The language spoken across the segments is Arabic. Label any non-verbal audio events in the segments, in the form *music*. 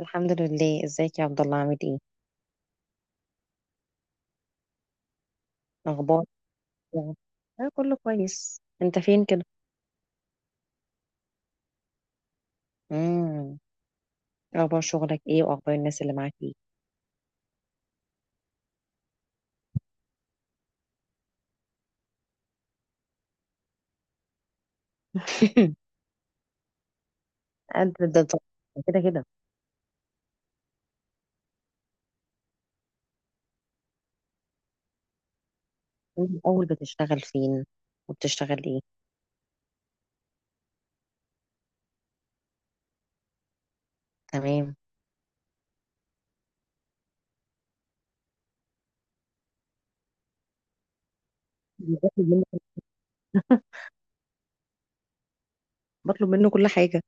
الحمد لله. ازيك يا عبد الله، عامل ايه؟ اخبار، اه كله كويس. انت فين كده؟ امم اخبار شغلك ايه، واخبار الناس اللي معاك ايه؟ *laughs* قد ده طبعاً. *laughs* كده كده. من اول بتشتغل فين، وبتشتغل ايه؟ تمام. بطلب منه. *laughs* بطلب منه كل حاجه.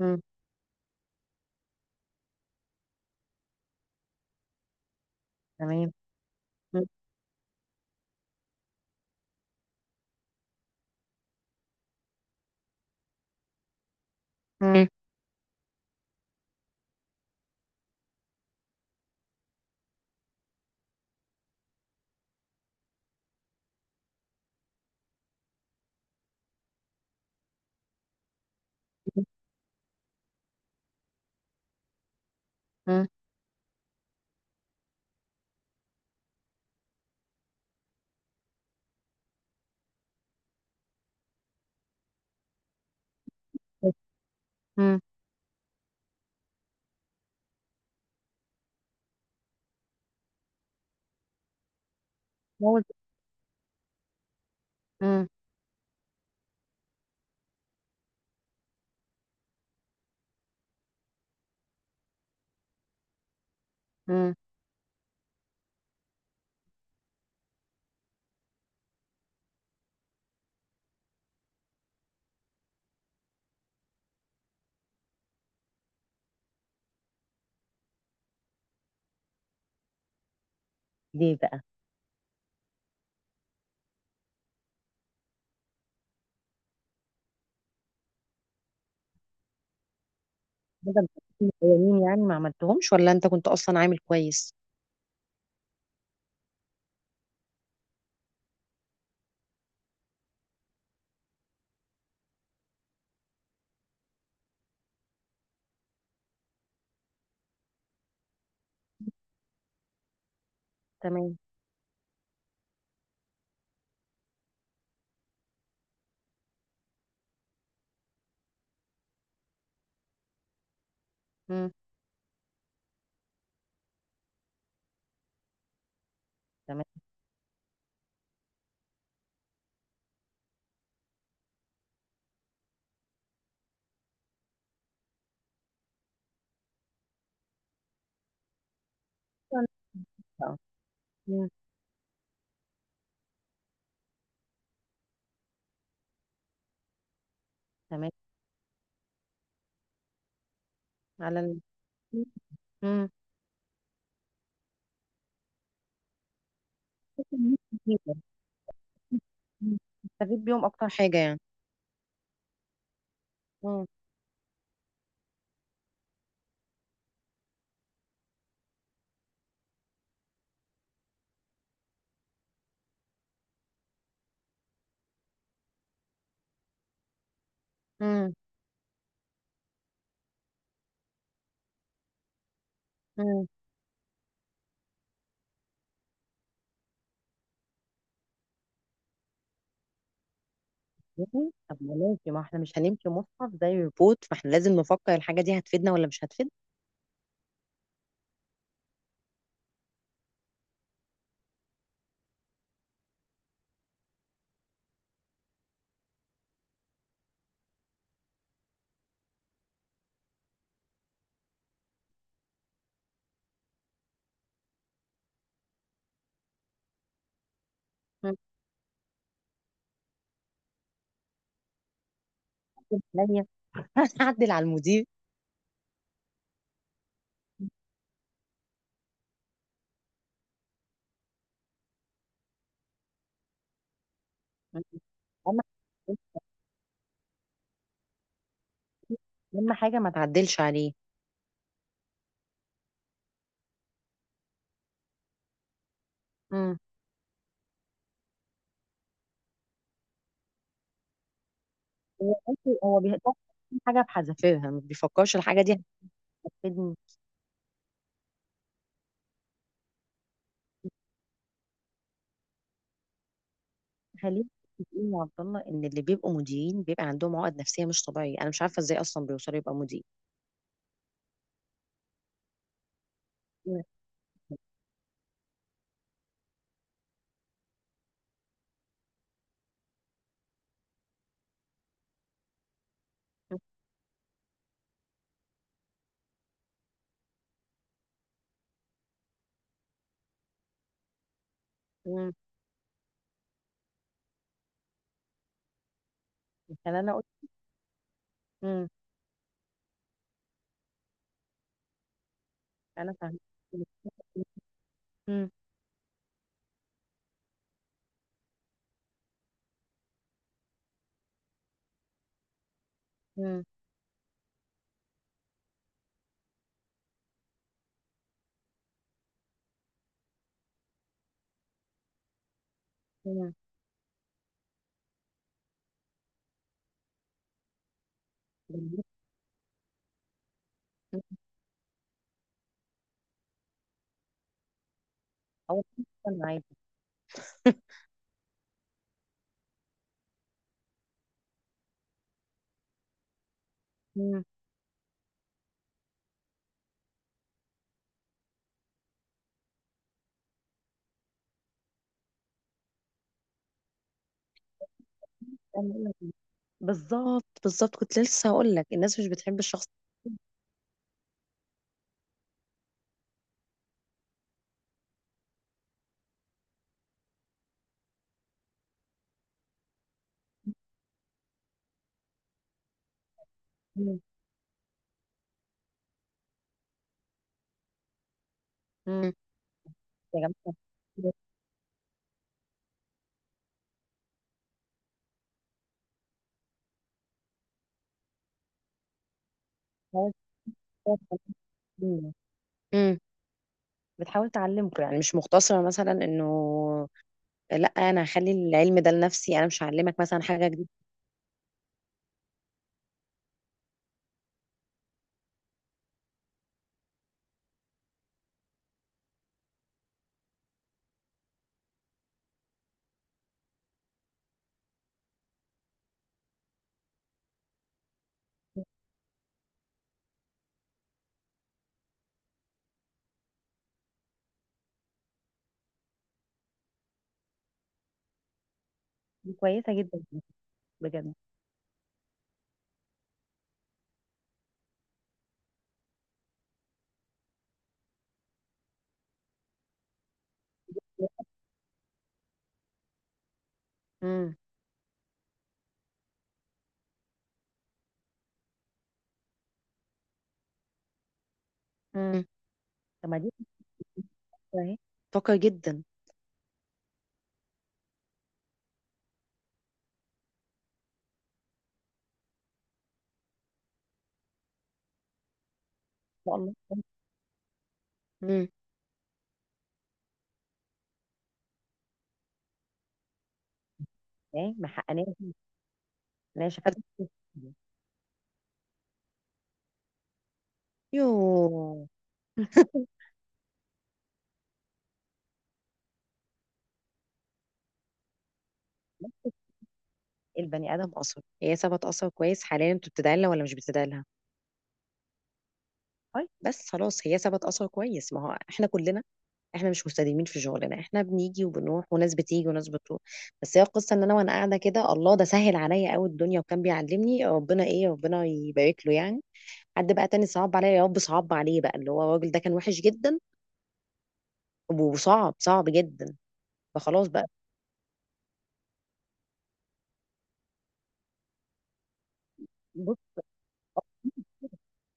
امم تمام. مم. مم. مم. مم. هو ده. مم. مم. ليه بقى؟ بدل الاولين يعني ما عملتهمش، ولا انت كنت اصلا عامل كويس؟ تمام. مم. تمام. مم. تمام. على ال... مم. بحس إن هي مفيدة. مم. نستفيد بيهم اكتر حاجه يعني. مم. مم. مم. مم. طب ما ماشي، ما احنا مش هنمشي مصحف زي ريبوت، فاحنا لازم نفكر الحاجه دي هتفيدنا ولا مش هتفيدنا. مم. هتعدل عليا، *laughs* هتعدل على المدير. مم. اهم أهم حاجه ما تعدلش عليه. مم. هو بيفكر في حاجه بحذافيرها، ما بيفكرش الحاجه دي هتفيدني. خلينا متفقين يا عبد الله ان اللي بيبقوا مديرين بيبقى عندهم عقد نفسيه مش طبيعيه، انا مش عارفه ازاي اصلا بيوصلوا يبقى مدير. امم يعني انا قلت. امم انا فاهمه. امم امم امم اول حاجة انا عادي. *laughs* امم أنا أقول لك. بالظبط بالظبط، كنت لسه هقول لك الناس مش بتحب الشخص. امم امم يا جماعه. بتحاول تعلمه. امم بتحاول تعلمكم يعني، مش مقتصره مثلا انه لا انا هخلي العلم ده لنفسي، انا مش هعلمك مثلا حاجه جديده. دي كويسه جدا. بجد. امم امم طب ما دي فكرة اهي، فكر جدا ما شاء الله. امم ايه ما حقناش. انا شفت. يو. *laughs* البني ادم اثر، هي سابت اثر كويس. حاليا انتوا بتدعي لها ولا مش بتدعي لها؟ طيب، بس خلاص هي سابت اثر كويس. ما هو احنا كلنا، احنا مش مستديمين في شغلنا، احنا بنيجي وبنروح، وناس بتيجي وناس بتروح. بس هي القصه ان انا وانا قاعده كده، الله ده سهل عليا قوي الدنيا، وكان بيعلمني ربنا ايه، ربنا يبارك له يعني. حد بقى تاني صعب عليا يا رب، صعب عليه بقى اللي هو الراجل ده، كان وحش جدا وصعب صعب جدا. فخلاص بقى.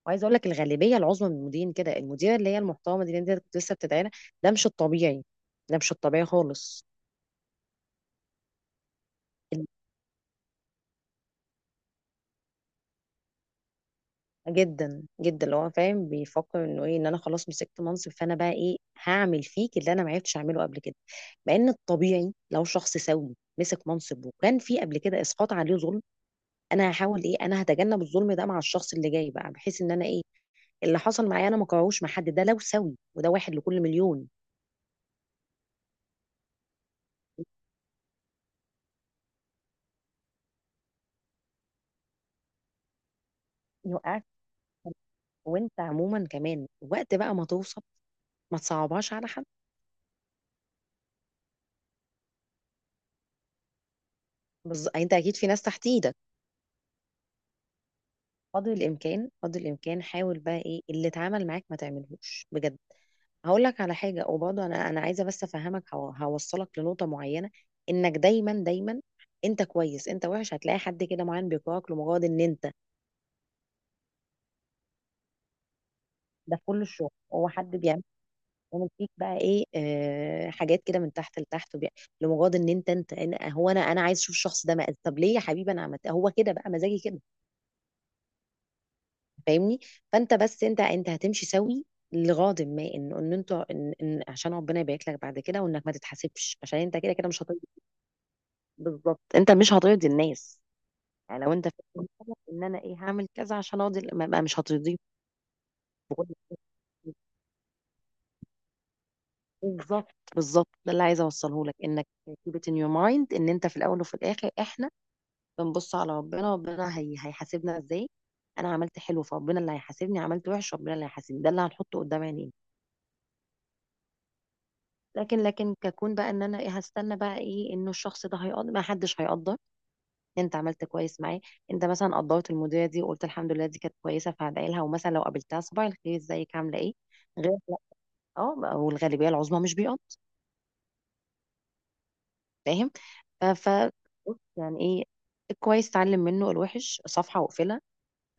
وعايزه اقول لك الغالبيه العظمى من المديرين كده. المديره اللي هي المحترمه دي اللي انت كنت لسه بتدعينا، ده مش الطبيعي، ده مش الطبيعي خالص. *laughs* جدا جدا، اللي هو فاهم بيفكر انه ايه، ان انا خلاص مسكت منصب، فانا بقى ايه، هعمل فيك اللي انا ما عرفتش اعمله قبل كده. مع ان الطبيعي لو شخص سوي مسك منصب، وكان في قبل كده اسقاط عليه ظلم، انا هحاول ايه، انا هتجنب الظلم ده مع الشخص اللي جاي بقى، بحيث ان انا ايه اللي حصل معايا انا ما كرهوش مع حد. ده لو سوي، وده واحد لكل مليون. يوقعك. وانت عموما كمان وقت بقى ما توصل، ما تصعبهاش على حد. بس انت اكيد في ناس تحت ايدك. قدر الامكان قدر الامكان، حاول بقى ايه اللي اتعامل معاك ما تعملهوش بجد. هقول لك على حاجه، وبرضه انا عايزه بس افهمك، هوصلك لنقطه معينه. انك دايما دايما انت كويس، انت وحش، هتلاقي حد كده معين بيكرهك لمجرد ان انت ده في كل الشغل. هو حد بيعمل. بيعمل فيك بقى ايه، حاجات كده من تحت لتحت، لمجرد ان انت انت، أنا- هو انا انا عايز اشوف الشخص ده مقز. طب ليه يا حبيبي؟ انا عملت. هو كده بقى، مزاجي كده. فاهمني؟ فانت بس، انت هتمشي سوي. لغاض ما ان انتوا، إن عشان ربنا يبارك لك بعد كده، وانك ما تتحاسبش، عشان انت كده كده مش هترضي. بالظبط، انت مش هترضي الناس. يعني لو انت فاهم ان انا ايه، هعمل كذا عشان ارضي، مش هترضيه. بالظبط بالظبط، ده اللي عايزه اوصله لك، انك keep it in your mind، ان انت في الاول وفي الاخر احنا بنبص على ربنا. ربنا هيحاسبنا ازاي؟ انا عملت حلو، فربنا اللي هيحاسبني. عملت وحش، ربنا اللي هيحاسبني. ده اللي هنحطه قدام عينينا. لكن ككون بقى ان انا إيه، هستنى بقى ايه، انه الشخص ده هيقدر، ما حدش هيقدر إن انت عملت كويس معاه. انت مثلا قدرت المديره دي وقلت الحمد لله دي كانت كويسه، فهدعي لها. ومثلا لو قابلتها، صباح الخير ازيك عامله ايه، غير لا. اه، والغالبيه العظمى مش بيقض. فاهم. ف ف- بص يعني ايه، الكويس اتعلم منه، الوحش صفحه واقفلها.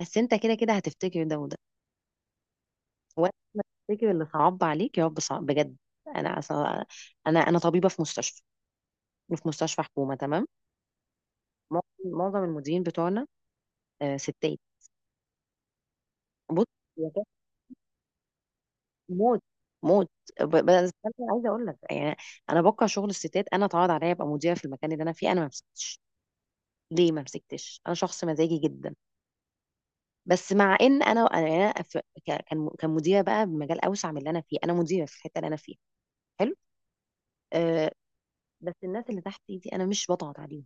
بس انت كده كده هتفتكر ده وده. وقت ما تفتكر اللي صعب عليك يا رب صعب بجد. انا أصلاً- انا انا طبيبه في مستشفى، في مستشفى حكومه. تمام. معظم معظم المديرين بتوعنا ستات. بص. يا كانت موت موت. بس انا عايزه اقول لك يعني انا بكره شغل الستات. انا اتعرض عليا ابقى مديره في المكان اللي انا فيه، انا ما مسكتش. ليه ما مسكتش؟ انا شخص مزاجي جدا. بس مع ان انا انا أنا في- ك- كان كان مديره بقى بمجال اوسع من اللي انا فيه. انا مديره في الحته اللي انا فيها. حلو. أه. بس الناس اللي تحت دي انا مش بضغط عليهم.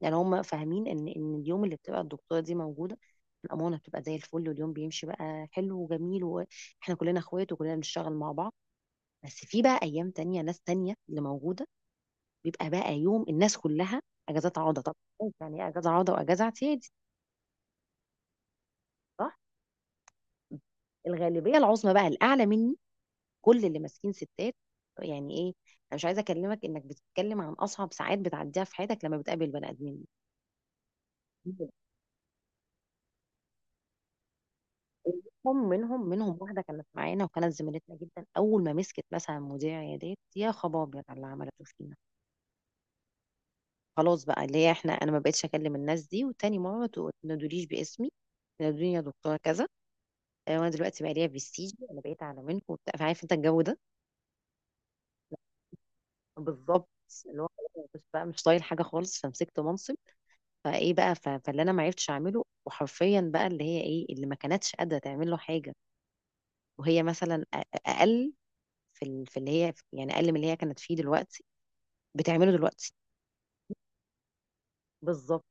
يعني هم فاهمين ان اليوم اللي بتبقى الدكتوره دي موجوده، الامانه بتبقى زي الفل، واليوم بيمشي بقى حلو وجميل، واحنا كلنا اخوات وكلنا بنشتغل مع بعض. بس في بقى ايام تانية ناس تانية اللي موجوده، بيبقى بقى يوم الناس كلها اجازات عوضه. طب يعني ايه اجازه عوضه واجازه اعتيادي؟ صح. الغالبيه العظمى بقى الاعلى مني كل اللي ماسكين ستات. يعني ايه، انا مش عايزه اكلمك، انك بتتكلم عن اصعب ساعات بتعديها في حياتك لما بتقابل بني ادمين. هم منهم واحده كانت معانا وكانت زميلتنا جدا، اول ما مسكت مثلا مذيع عيادات، يا خباب يا جدع اللي عملته فينا. خلاص بقى، اللي هي احنا انا ما بقتش اكلم الناس دي، وتاني ماما، ما تنادوليش باسمي، تنادوني يا دكتوره كذا، انا دلوقتي بقى ليا برستيج، انا بقيت اعلى منكم وبتاع. فعارف انت الجو ده؟ بالظبط. اللي هو خلاص مش بقى مش طايل حاجه خالص، فمسكت منصب. فايه بقى، فاللي انا ما عرفتش اعمله وحرفيا بقى، اللي هي ايه اللي ما كانتش قادره تعمل له حاجه، وهي مثلا اقل، في اللي هي يعني اقل من اللي هي كانت فيه دلوقتي، بتعمله دلوقتي. بالظبط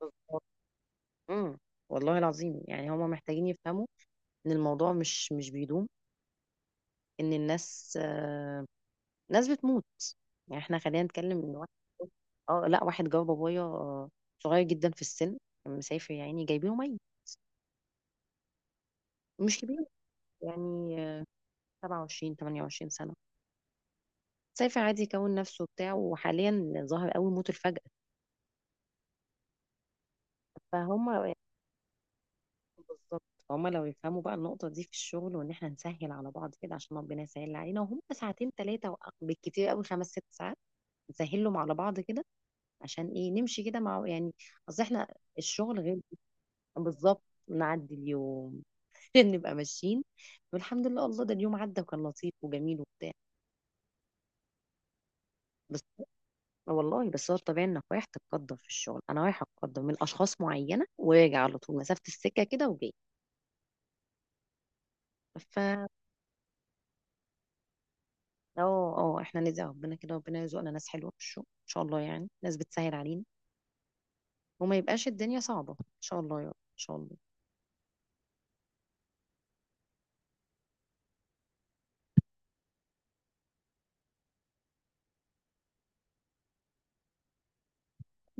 بالظبط. امم. والله العظيم يعني هما محتاجين يفهموا ان الموضوع مش بيدوم، ان الناس ناس بتموت. يعني احنا خلينا نتكلم ان واحد، اه لا، واحد جاب بابايا صغير جدا في السن، كان مسافر يا عيني جايبينه ميت. مش كبير يعني، 27 28 سنة. مسافر عادي يكون نفسه وبتاع، وحاليا ظاهر قوي موت الفجأة. فهم. بالظبط. هما لو يفهموا بقى النقطة دي في الشغل، وإن إحنا نسهل على بعض كده عشان ربنا يسهل علينا. وهم ساعتين تلاتة، بالكتير قوي خمس ست ساعات، نسهلهم على بعض كده. عشان ايه، نمشي كده مع يعني اصل احنا الشغل غير. بالظبط. نعدي اليوم. *laughs* نبقى ماشيين، والحمد لله الله ده اليوم عدى وكان لطيف وجميل وبتاع. بس والله، بس هو الطبيعي انك رايح تتقدر في الشغل، انا رايحه اتقدر من اشخاص معينه، وراجع على طول مسافه السكه كده وجاي. ف اه، اه احنا نرزق ربنا كده، ربنا يرزقنا ناس حلوه في الشغل ان شاء الله، يعني ناس بتسهل علينا، وما يبقاش الدنيا صعبه ان شاء الله يا رب، ان شاء الله.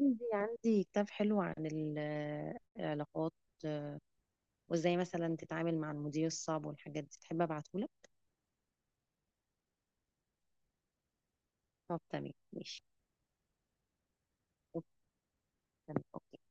عندي كتاب حلو عن العلاقات، وازاي مثلا تتعامل مع المدير الصعب والحاجات دي. تحب ابعتهولك؟ طب تمام ماشي. اوكي. تمام.